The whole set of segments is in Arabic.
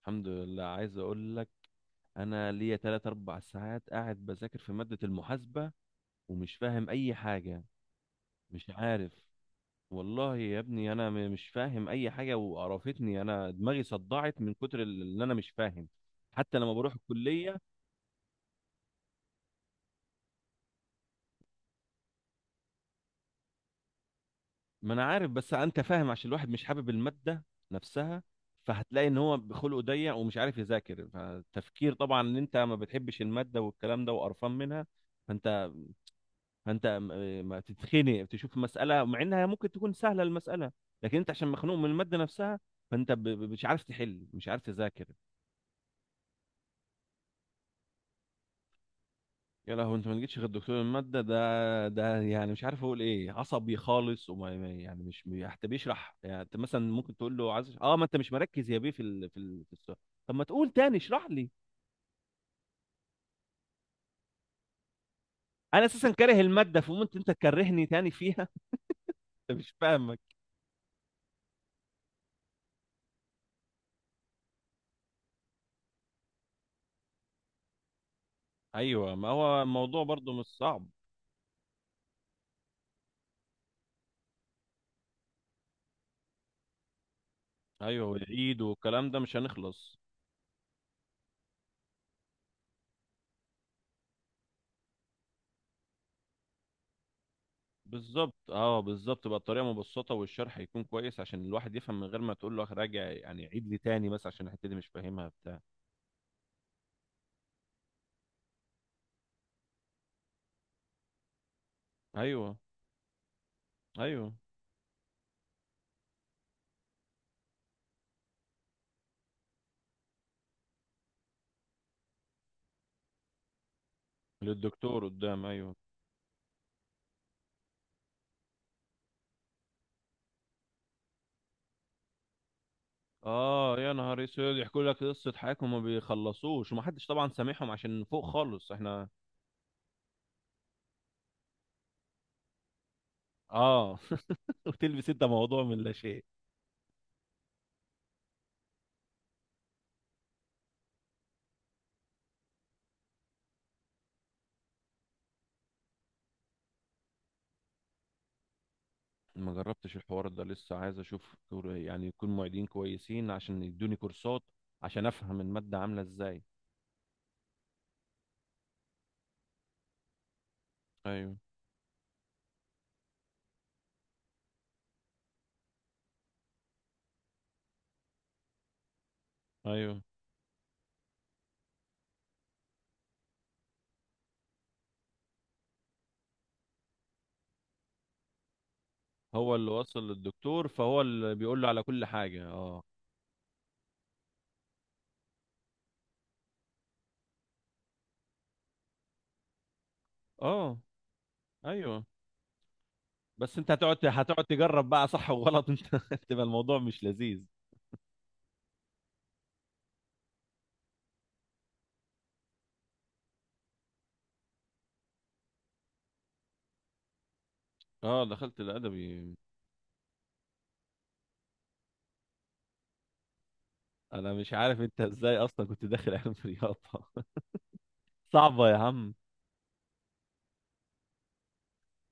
الحمد لله، عايز اقول لك انا ليا 3 4 ساعات قاعد بذاكر في مادة المحاسبة، ومش فاهم اي حاجة. مش عارف. والله يا ابني، انا مش فاهم اي حاجة وقرفتني، انا دماغي صدعت من كتر اللي انا مش فاهم. حتى لما بروح الكلية. ما انا عارف، بس انت فاهم، عشان الواحد مش حابب المادة نفسها، فهتلاقي ان هو بخلقه ضيق ومش عارف يذاكر، فالتفكير طبعا ان انت ما بتحبش المادة والكلام ده وقرفان منها. فانت فانت ما تتخنق تشوف مساله مع انها ممكن تكون سهله المساله، لكن انت عشان مخنوق من الماده نفسها، فانت مش عارف تحل، مش عارف تذاكر. يا لهوي، انت ما جيتش غير دكتور الماده، ده يعني مش عارف اقول ايه، عصبي خالص، وما يعني مش حتى بيشرح. يعني انت مثلا ممكن تقول له عايز، ما انت مش مركز يا بيه في السؤال. طب ما تقول تاني اشرح لي. انا اساسا كاره الماده، فممكن انت تكرهني تاني فيها. انت مش فاهمك. ايوه، ما هو الموضوع برضه مش صعب. ايوه، والعيد والكلام ده مش هنخلص. بالظبط، اه، بالظبط، بقى الطريقه مبسطه والشرح يكون كويس عشان الواحد يفهم من غير ما تقول له راجع، يعني عيد لي تاني، بس عشان الحته دي مش فاهمها بتاع. ايوه، ايوه، للدكتور قدام، ايوه. اه، يا نهار اسود، يحكوا لك قصه حياتهم وما بيخلصوش، ومحدش طبعا سامعهم عشان فوق خالص احنا. اه. وتلبس انت موضوع من لا شيء. ما جربتش الحوار ده لسه، عايز اشوف يعني يكون معيدين كويسين عشان يدوني كورسات عشان افهم الماده عامله ازاي. ايوه، ايوه، هو اللي وصل للدكتور فهو اللي بيقول له على كل حاجة، اه. اه، ايوه، بس انت هتقعد تجرب بقى صح وغلط انت تبقى الموضوع مش لذيذ. اه، دخلت الادبي. انا مش عارف انت ازاي اصلا كنت داخل علم رياضة. صعبة يا عم.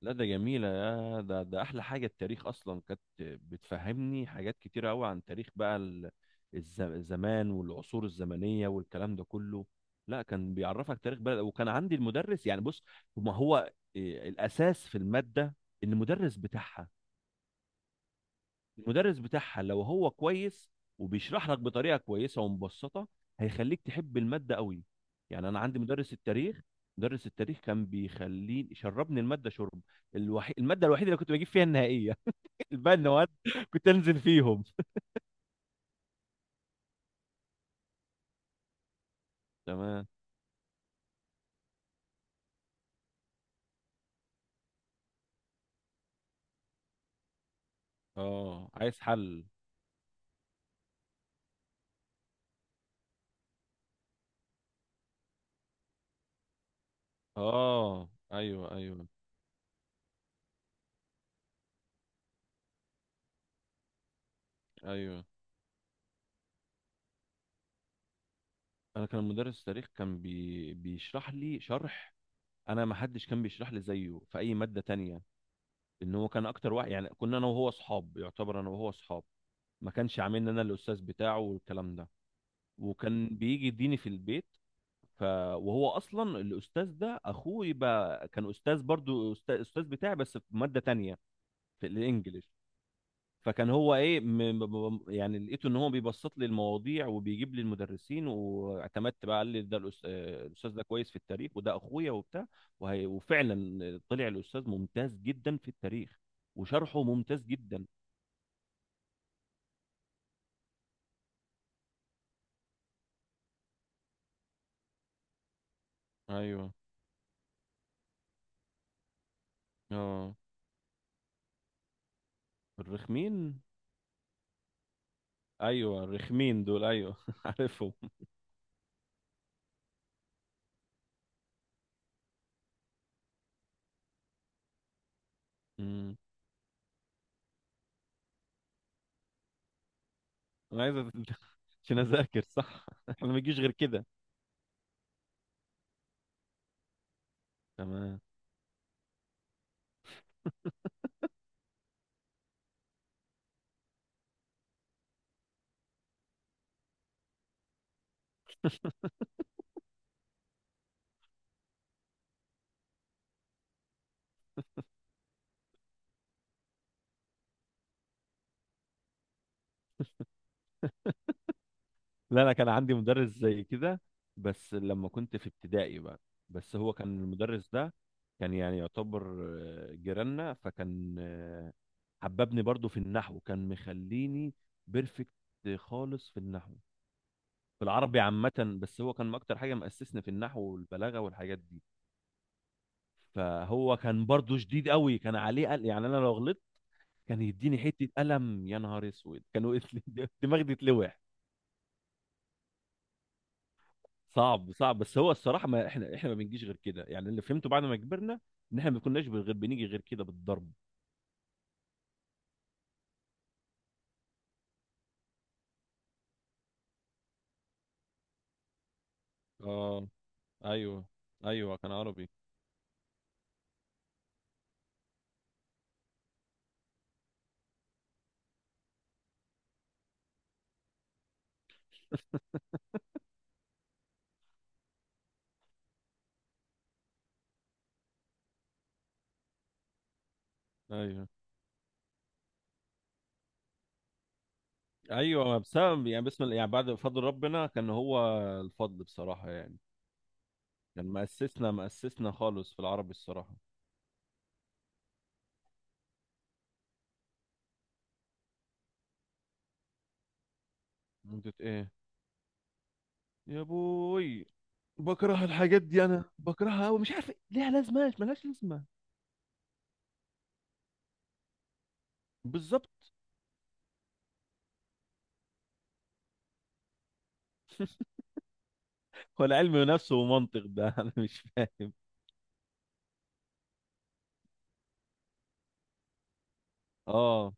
لا، ده جميلة، يا ده أحلى حاجة، التاريخ أصلا كانت بتفهمني حاجات كتيرة أوي عن تاريخ، بقى الزمان والعصور الزمنية والكلام ده كله. لا، كان بيعرفك تاريخ بلد، وكان عندي المدرس. يعني بص، ما هو إيه، الأساس في المادة المدرس بتاعها. المدرس بتاعها لو هو كويس وبيشرح لك بطريقه كويسه ومبسطه هيخليك تحب الماده قوي. يعني انا عندي مدرس التاريخ، مدرس التاريخ كان بيخليني شربني الماده شرب. الماده الوحيده اللي كنت بجيب فيها النهائيه. الباقي المواد كنت انزل فيهم. تمام. اه، عايز حل. اه، ايوه، ايوه، ايوه، انا كان مدرس تاريخ كان بيشرح لي شرح. انا ما حدش كان بيشرح لي زيه في اي ماده تانية. ان هو كان اكتر واحد، يعني كنا انا وهو اصحاب، يعتبر انا وهو اصحاب. ما كانش عاملني انا الاستاذ بتاعه والكلام ده. وكان بيجي يديني في البيت، ف وهو اصلا الاستاذ ده اخوه، يبقى كان استاذ، برضو أستاذ بتاعي بس في ماده تانية، في الانجليش. فكان هو ايه، يعني لقيته ان هو بيبسط لي المواضيع وبيجيب لي المدرسين، واعتمدت بقى، قال لي ده الأس... آه، الاستاذ ده كويس في التاريخ، وده اخويا وبتاع، وفعلا طلع الاستاذ ممتاز جدا في التاريخ وشرحه ممتاز جدا. ايوه. اه، الرخمين. ايوه، الرخمين دول، ايوه. عارفهم. مم. انا عايز عشان اذاكر صح. احنا ما بيجيش غير كده. تمام. لا، انا كان عندي مدرس زي كده، بس لما كنت في ابتدائي بقى. بس هو كان المدرس ده كان يعني يعتبر جيراننا، فكان حببني برضو في النحو، كان مخليني بيرفكت خالص في النحو، في العربي عامة، بس هو كان اكتر حاجة مأسسني في النحو والبلاغة والحاجات دي. فهو كان برضو شديد قوي، كان عليه يعني انا لو غلطت كان يديني حتة قلم، يا نهار اسود، كانوا دماغي تتلوح. صعب، صعب. بس هو الصراحه، ما احنا ما بنجيش غير كده، يعني اللي فهمته بعد ما كبرنا ان احنا ما كناش غير بنيجي غير كده بالضرب. اه، ايوه، ايوه، كان عربي، ايوه، ايوه، ما بسبب يعني، بسم الله، يعني بعد فضل ربنا كان هو الفضل بصراحه يعني، كان مأسسنا مأسسنا خالص في العربي الصراحه. مدة ايه، يا بوي. بكره الحاجات دي، انا بكرهها قوي، مش عارف ليها لازمه، ملهاش لازمه. بالظبط. ولا علم نفس ومنطق ده انا مش فاهم. اه،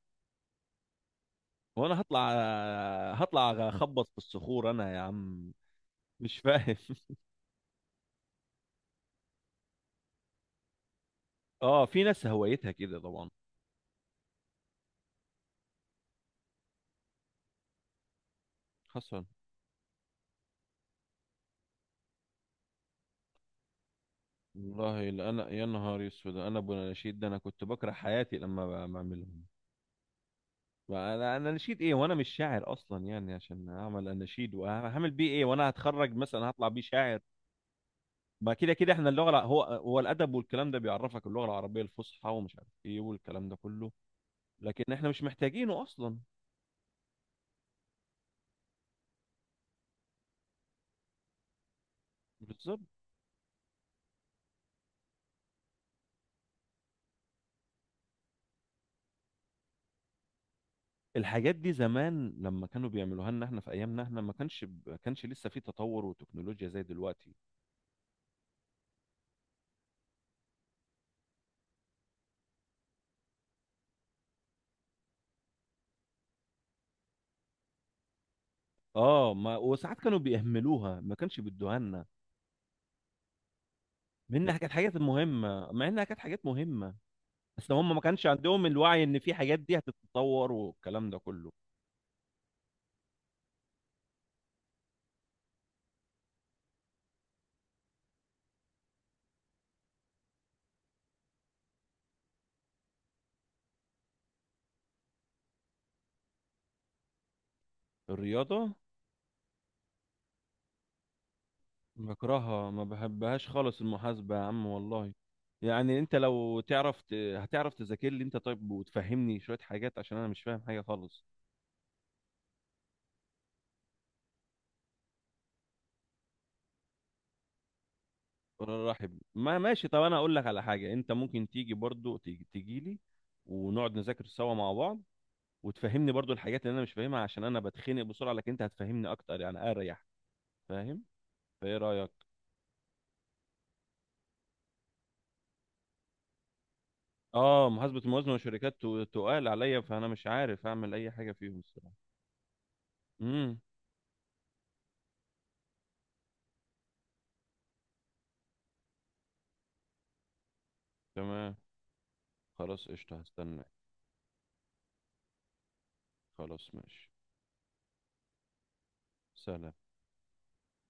وانا هطلع اخبط في الصخور انا يا عم، مش فاهم. اه، في ناس هوايتها كده طبعا. حصل. والله، لا انا يا نهار اسود، انا ابو الاناشيد ده، انا كنت بكره حياتي لما بعملهم. انا نشيد ايه وانا مش شاعر اصلا يعني عشان اعمل اناشيد، وهعمل بيه ايه؟ وانا هتخرج مثلا هطلع بيه شاعر؟ ما كده كده احنا هو الادب والكلام ده بيعرفك اللغه العربيه الفصحى ومش عارف ايه والكلام ده كله، لكن احنا مش محتاجينه اصلا. بالظبط. الحاجات دي زمان لما كانوا بيعملوها لنا، احنا في ايامنا احنا ما كانش لسه في تطور وتكنولوجيا زي دلوقتي. اه، ما وساعات كانوا بيهملوها، ما كانش بيدوها لنا. منها كانت حاجات مهمه، مع انها كانت حاجات مهمه، بس هم ما كانش عندهم الوعي ان في حاجات دي هتتطور والكلام ده كله. الرياضه. بكرهها، ما بحبهاش خالص المحاسبه يا عم والله. يعني انت لو تعرف هتعرف تذاكر لي انت طيب، وتفهمني شويه حاجات عشان انا مش فاهم حاجه خالص. ولا رحب، ما ماشي، طب انا اقول لك على حاجه، انت ممكن تيجي برضو، تيجي لي، ونقعد نذاكر سوا مع بعض، وتفهمني برضو الحاجات اللي انا مش فاهمها، عشان انا بتخنق بسرعه، لكن انت هتفهمني اكتر يعني اريح. فاهم. فايه رايك؟ اه، محاسبه الموازنه والشركات تقال عليا، فانا مش عارف اعمل اي حاجه فيهم الصراحه. امم. تمام، خلاص قشطه هستناك. خلاص ماشي. سلام.